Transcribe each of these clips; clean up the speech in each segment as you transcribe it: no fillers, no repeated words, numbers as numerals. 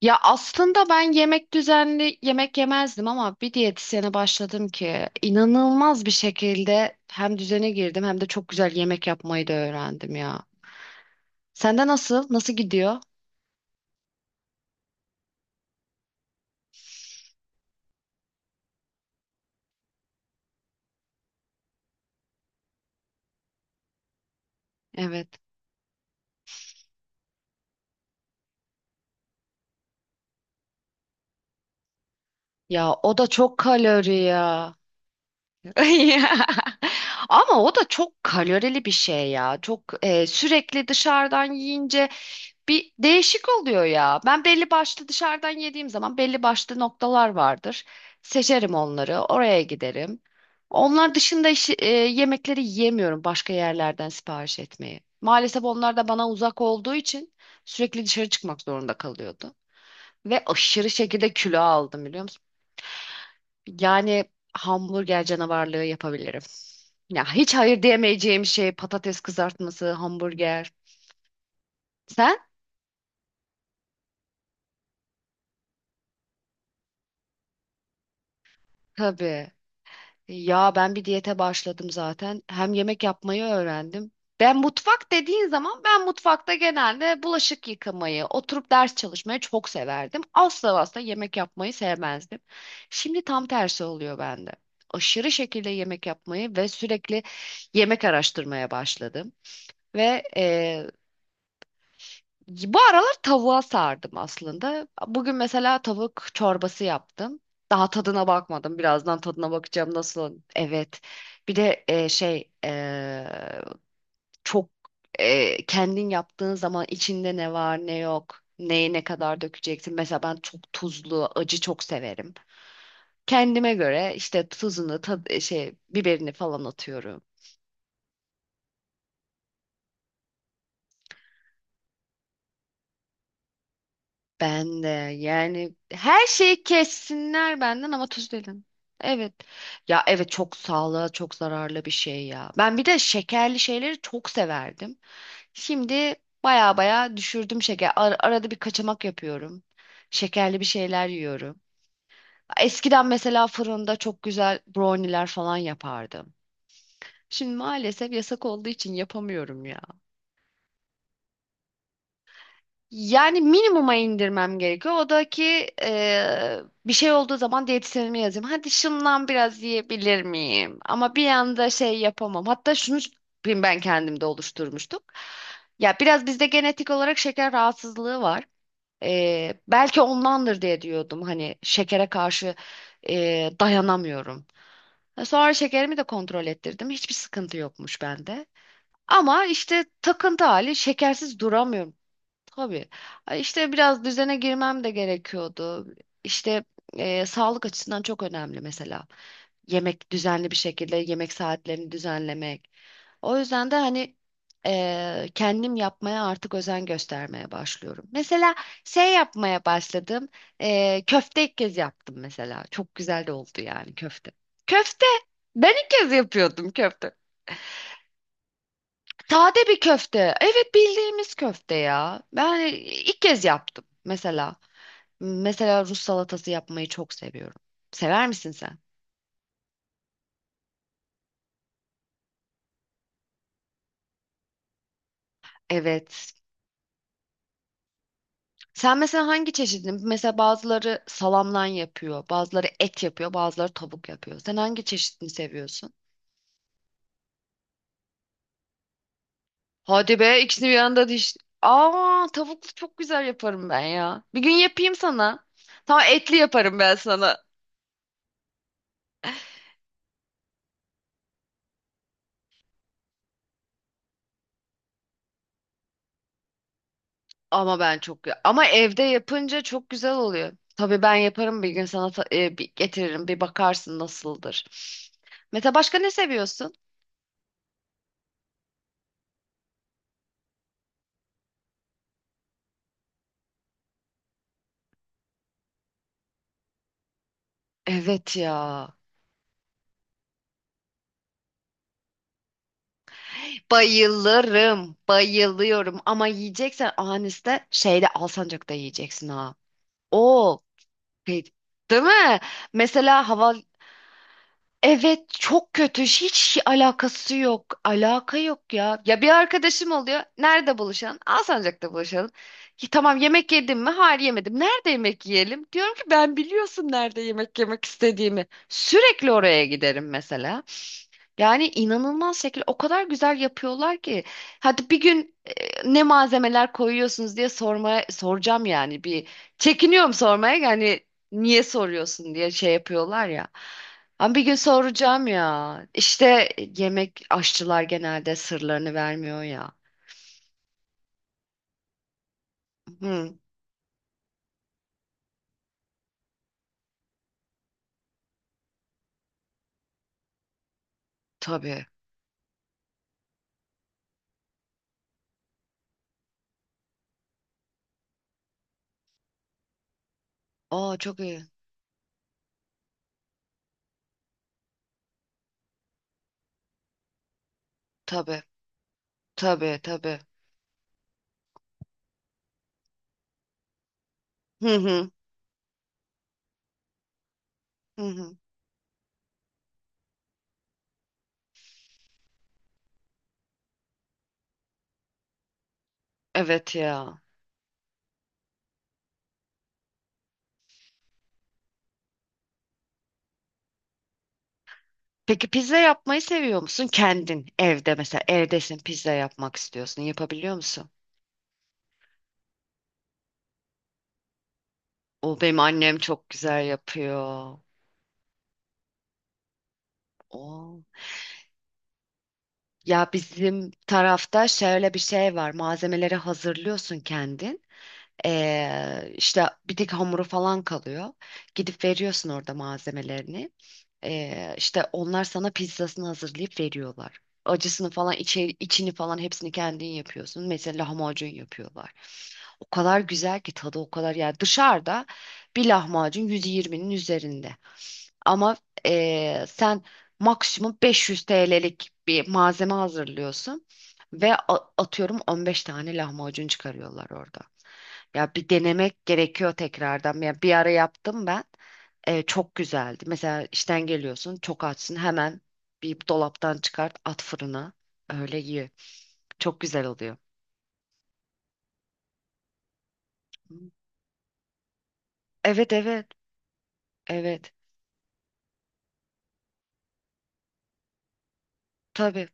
Ya aslında ben yemek düzenli yemek yemezdim ama bir diyetisyene başladım ki inanılmaz bir şekilde hem düzene girdim hem de çok güzel yemek yapmayı da öğrendim ya. Sende nasıl? Nasıl gidiyor? Evet. Ya o da çok kalori ya. Ya. Ama o da çok kalorili bir şey ya. Çok sürekli dışarıdan yiyince bir değişik oluyor ya. Ben belli başlı dışarıdan yediğim zaman belli başlı noktalar vardır. Seçerim onları, oraya giderim. Onlar dışında yemekleri yiyemiyorum başka yerlerden sipariş etmeyi. Maalesef onlar da bana uzak olduğu için sürekli dışarı çıkmak zorunda kalıyordu. Ve aşırı şekilde kilo aldım biliyor musun? Yani hamburger canavarlığı yapabilirim. Ya hiç hayır diyemeyeceğim şey patates kızartması, hamburger. Sen? Tabii. Ya ben bir diyete başladım zaten. Hem yemek yapmayı öğrendim. Ben mutfak dediğin zaman ben mutfakta genelde bulaşık yıkamayı, oturup ders çalışmayı çok severdim. Asla asla yemek yapmayı sevmezdim. Şimdi tam tersi oluyor bende. Aşırı şekilde yemek yapmayı ve sürekli yemek araştırmaya başladım. Ve bu aralar tavuğa sardım aslında. Bugün mesela tavuk çorbası yaptım. Daha tadına bakmadım. Birazdan tadına bakacağım nasıl. Evet. Bir de çok kendin yaptığın zaman içinde ne var ne yok. Neyi ne kadar dökeceksin. Mesela ben çok tuzlu, acı çok severim. Kendime göre işte tuzunu, şey biberini falan atıyorum. Ben de yani her şeyi kessinler benden ama tuz dedim. Evet. Ya evet çok sağlığa çok zararlı bir şey ya. Ben bir de şekerli şeyleri çok severdim. Şimdi baya baya düşürdüm şeker. Arada bir kaçamak yapıyorum. Şekerli bir şeyler yiyorum. Eskiden mesela fırında çok güzel brownie'ler falan yapardım. Şimdi maalesef yasak olduğu için yapamıyorum ya. Yani minimuma indirmem gerekiyor. O da ki bir şey olduğu zaman diyetisyenime yazayım. Hadi şundan biraz yiyebilir miyim? Ama bir anda şey yapamam. Hatta şunu ben kendimde oluşturmuştuk. Ya biraz bizde genetik olarak şeker rahatsızlığı var. Belki ondandır diye diyordum. Hani şekere karşı dayanamıyorum. Sonra şekerimi de kontrol ettirdim. Hiçbir sıkıntı yokmuş bende. Ama işte takıntı hali şekersiz duramıyorum. Tabii. Ay İşte biraz düzene girmem de gerekiyordu. İşte sağlık açısından çok önemli mesela. Yemek düzenli bir şekilde yemek saatlerini düzenlemek. O yüzden de hani kendim yapmaya artık özen göstermeye başlıyorum. Mesela şey yapmaya başladım. Köfte ilk kez yaptım mesela. Çok güzel de oldu yani köfte. Köfte! Ben ilk kez yapıyordum köfte. Sade bir köfte. Evet bildiğimiz köfte ya. Ben hani, ilk kez yaptım mesela. Mesela Rus salatası yapmayı çok seviyorum. Sever misin sen? Evet. Sen mesela hangi çeşidini? Mesela bazıları salamdan yapıyor, bazıları et yapıyor, bazıları tavuk yapıyor. Sen hangi çeşidini seviyorsun? Hadi be ikisini bir anda diş. Aa tavuklu çok güzel yaparım ben ya. Bir gün yapayım sana. Tamam etli yaparım ben sana. Ama ben çok ama evde yapınca çok güzel oluyor. Tabii ben yaparım bir gün sana bir getiririm bir bakarsın nasıldır. Mete başka ne seviyorsun? Evet ya. Bayılırım, bayılıyorum ama yiyeceksen Anis'te şeyde Alsancak'ta yiyeceksin ha. O pe- Değil mi? Mesela hava evet çok kötü hiç alakası yok alaka yok ya ya bir arkadaşım oluyor nerede buluşalım Alsancak'ta buluşalım ki tamam yemek yedim mi hayır yemedim nerede yemek yiyelim diyorum ki ben biliyorsun nerede yemek yemek istediğimi sürekli oraya giderim mesela yani inanılmaz şekilde o kadar güzel yapıyorlar ki hadi bir gün ne malzemeler koyuyorsunuz diye sormaya soracağım yani bir çekiniyorum sormaya yani niye soruyorsun diye şey yapıyorlar ya ama bir gün soracağım ya. İşte yemek aşçılar genelde sırlarını vermiyor ya. Hı, tabii. Aa çok iyi. Tabii. Tabii tabii. Hı hı. Hı hı. Evet ya. Peki pizza yapmayı seviyor musun? Kendin evde mesela evdesin pizza yapmak istiyorsun. Yapabiliyor musun? O benim annem çok güzel yapıyor. O. Ya bizim tarafta şöyle bir şey var. Malzemeleri hazırlıyorsun kendin. İşte bir tek hamuru falan kalıyor. Gidip veriyorsun orada malzemelerini. İşte onlar sana pizzasını hazırlayıp veriyorlar. Acısını falan içini falan hepsini kendin yapıyorsun. Mesela lahmacun yapıyorlar. O kadar güzel ki tadı o kadar yani dışarıda bir lahmacun 120'nin üzerinde. Ama sen maksimum 500 TL'lik bir malzeme hazırlıyorsun ve atıyorum 15 tane lahmacun çıkarıyorlar orada. Ya bir denemek gerekiyor tekrardan. Ya bir ara yaptım ben. Çok güzeldi. Mesela işten geliyorsun, çok açsın hemen bir dolaptan çıkart, at fırına. Öyle ye. Çok güzel oluyor. Evet evet evet tabii.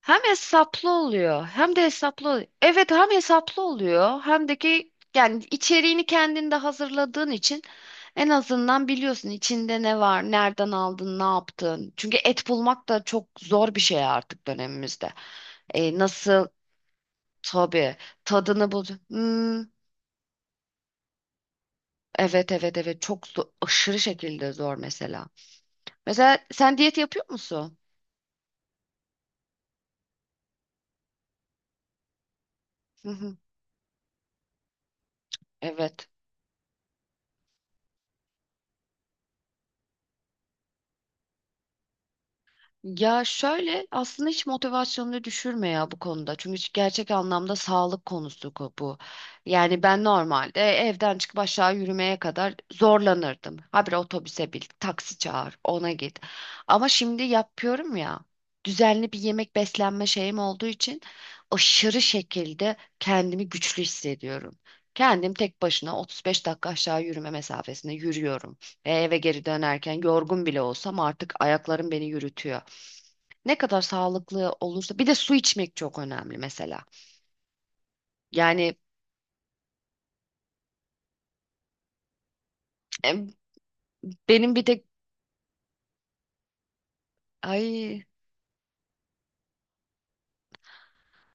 Hem hesaplı oluyor hem de hesaplı oluyor. Evet hem hesaplı oluyor hem de ki yani içeriğini kendinde hazırladığın için en azından biliyorsun içinde ne var, nereden aldın, ne yaptın. Çünkü et bulmak da çok zor bir şey artık dönemimizde. Nasıl? Tabii. Tadını bul. Hmm, evet evet evet. Çok zor, aşırı şekilde zor mesela. Mesela sen diyet yapıyor musun? Hı hı. Evet. Ya şöyle aslında hiç motivasyonunu düşürme ya bu konuda. Çünkü gerçek anlamda sağlık bu. Yani ben normalde evden çıkıp aşağı yürümeye kadar zorlanırdım. Habire otobüse bin, taksi çağır, ona git. Ama şimdi yapıyorum ya. Düzenli bir yemek beslenme şeyim olduğu için aşırı şekilde kendimi güçlü hissediyorum. Kendim tek başına 35 dakika aşağı yürüme mesafesinde yürüyorum. Ve eve geri dönerken yorgun bile olsam artık ayaklarım beni yürütüyor. Ne kadar sağlıklı olursa bir de su içmek çok önemli mesela. Yani em, benim bir tek ay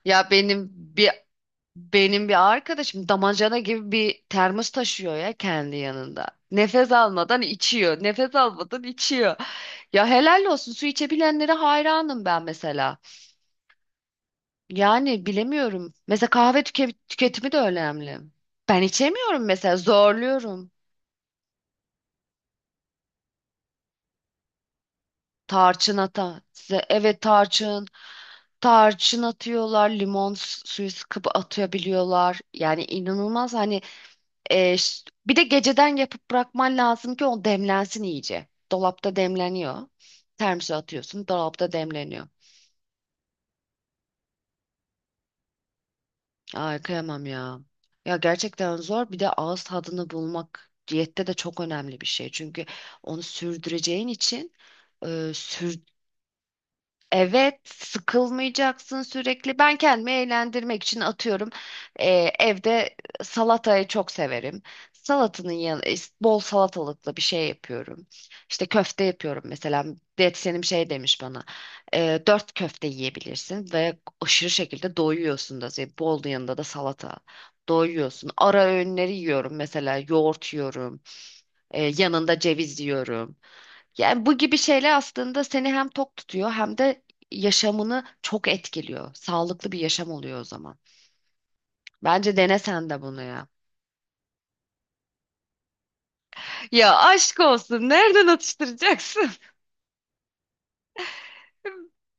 ya benim bir benim bir arkadaşım damacana gibi bir termos taşıyor ya kendi yanında. Nefes almadan içiyor. Nefes almadan içiyor. Ya helal olsun su içebilenlere hayranım ben mesela. Yani bilemiyorum. Mesela kahve tüketimi de önemli. Ben içemiyorum mesela zorluyorum. Tarçın ata. Size evet tarçın. Tarçın atıyorlar, limon suyu sıkıp atabiliyorlar. Yani inanılmaz hani bir de geceden yapıp bırakman lazım ki o demlensin iyice. Dolapta demleniyor. Termose atıyorsun, dolapta demleniyor. Ay kıyamam ya. Ya gerçekten zor. Bir de ağız tadını bulmak diyette de çok önemli bir şey. Çünkü onu sürdüreceğin için e, sür. Evet, sıkılmayacaksın sürekli. Ben kendimi eğlendirmek için atıyorum. e, Evde salatayı çok severim. Salatanın yanı e, Bol salatalıklı bir şey yapıyorum. İşte köfte yapıyorum mesela. Diyetisyenim şey demiş bana. Dört köfte yiyebilirsin ve aşırı şekilde doyuyorsun da. Yani bol yanında da salata. Doyuyorsun. Ara öğünleri yiyorum mesela. Yoğurt yiyorum. Yanında ceviz yiyorum. Yani bu gibi şeyler aslında seni hem tok tutuyor hem de yaşamını çok etkiliyor. Sağlıklı bir yaşam oluyor o zaman. Bence dene sen de bunu ya. Ya aşk olsun. Nereden atıştıracaksın?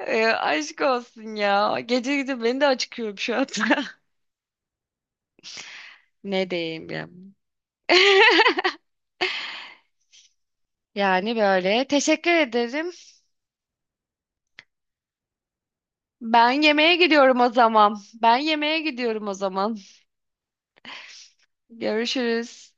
Aşk olsun ya. Gece gece beni de acıkıyorum şu anda. Ne diyeyim ya. Yani böyle. Teşekkür ederim. Ben yemeğe gidiyorum o zaman. Ben yemeğe gidiyorum o zaman. Görüşürüz.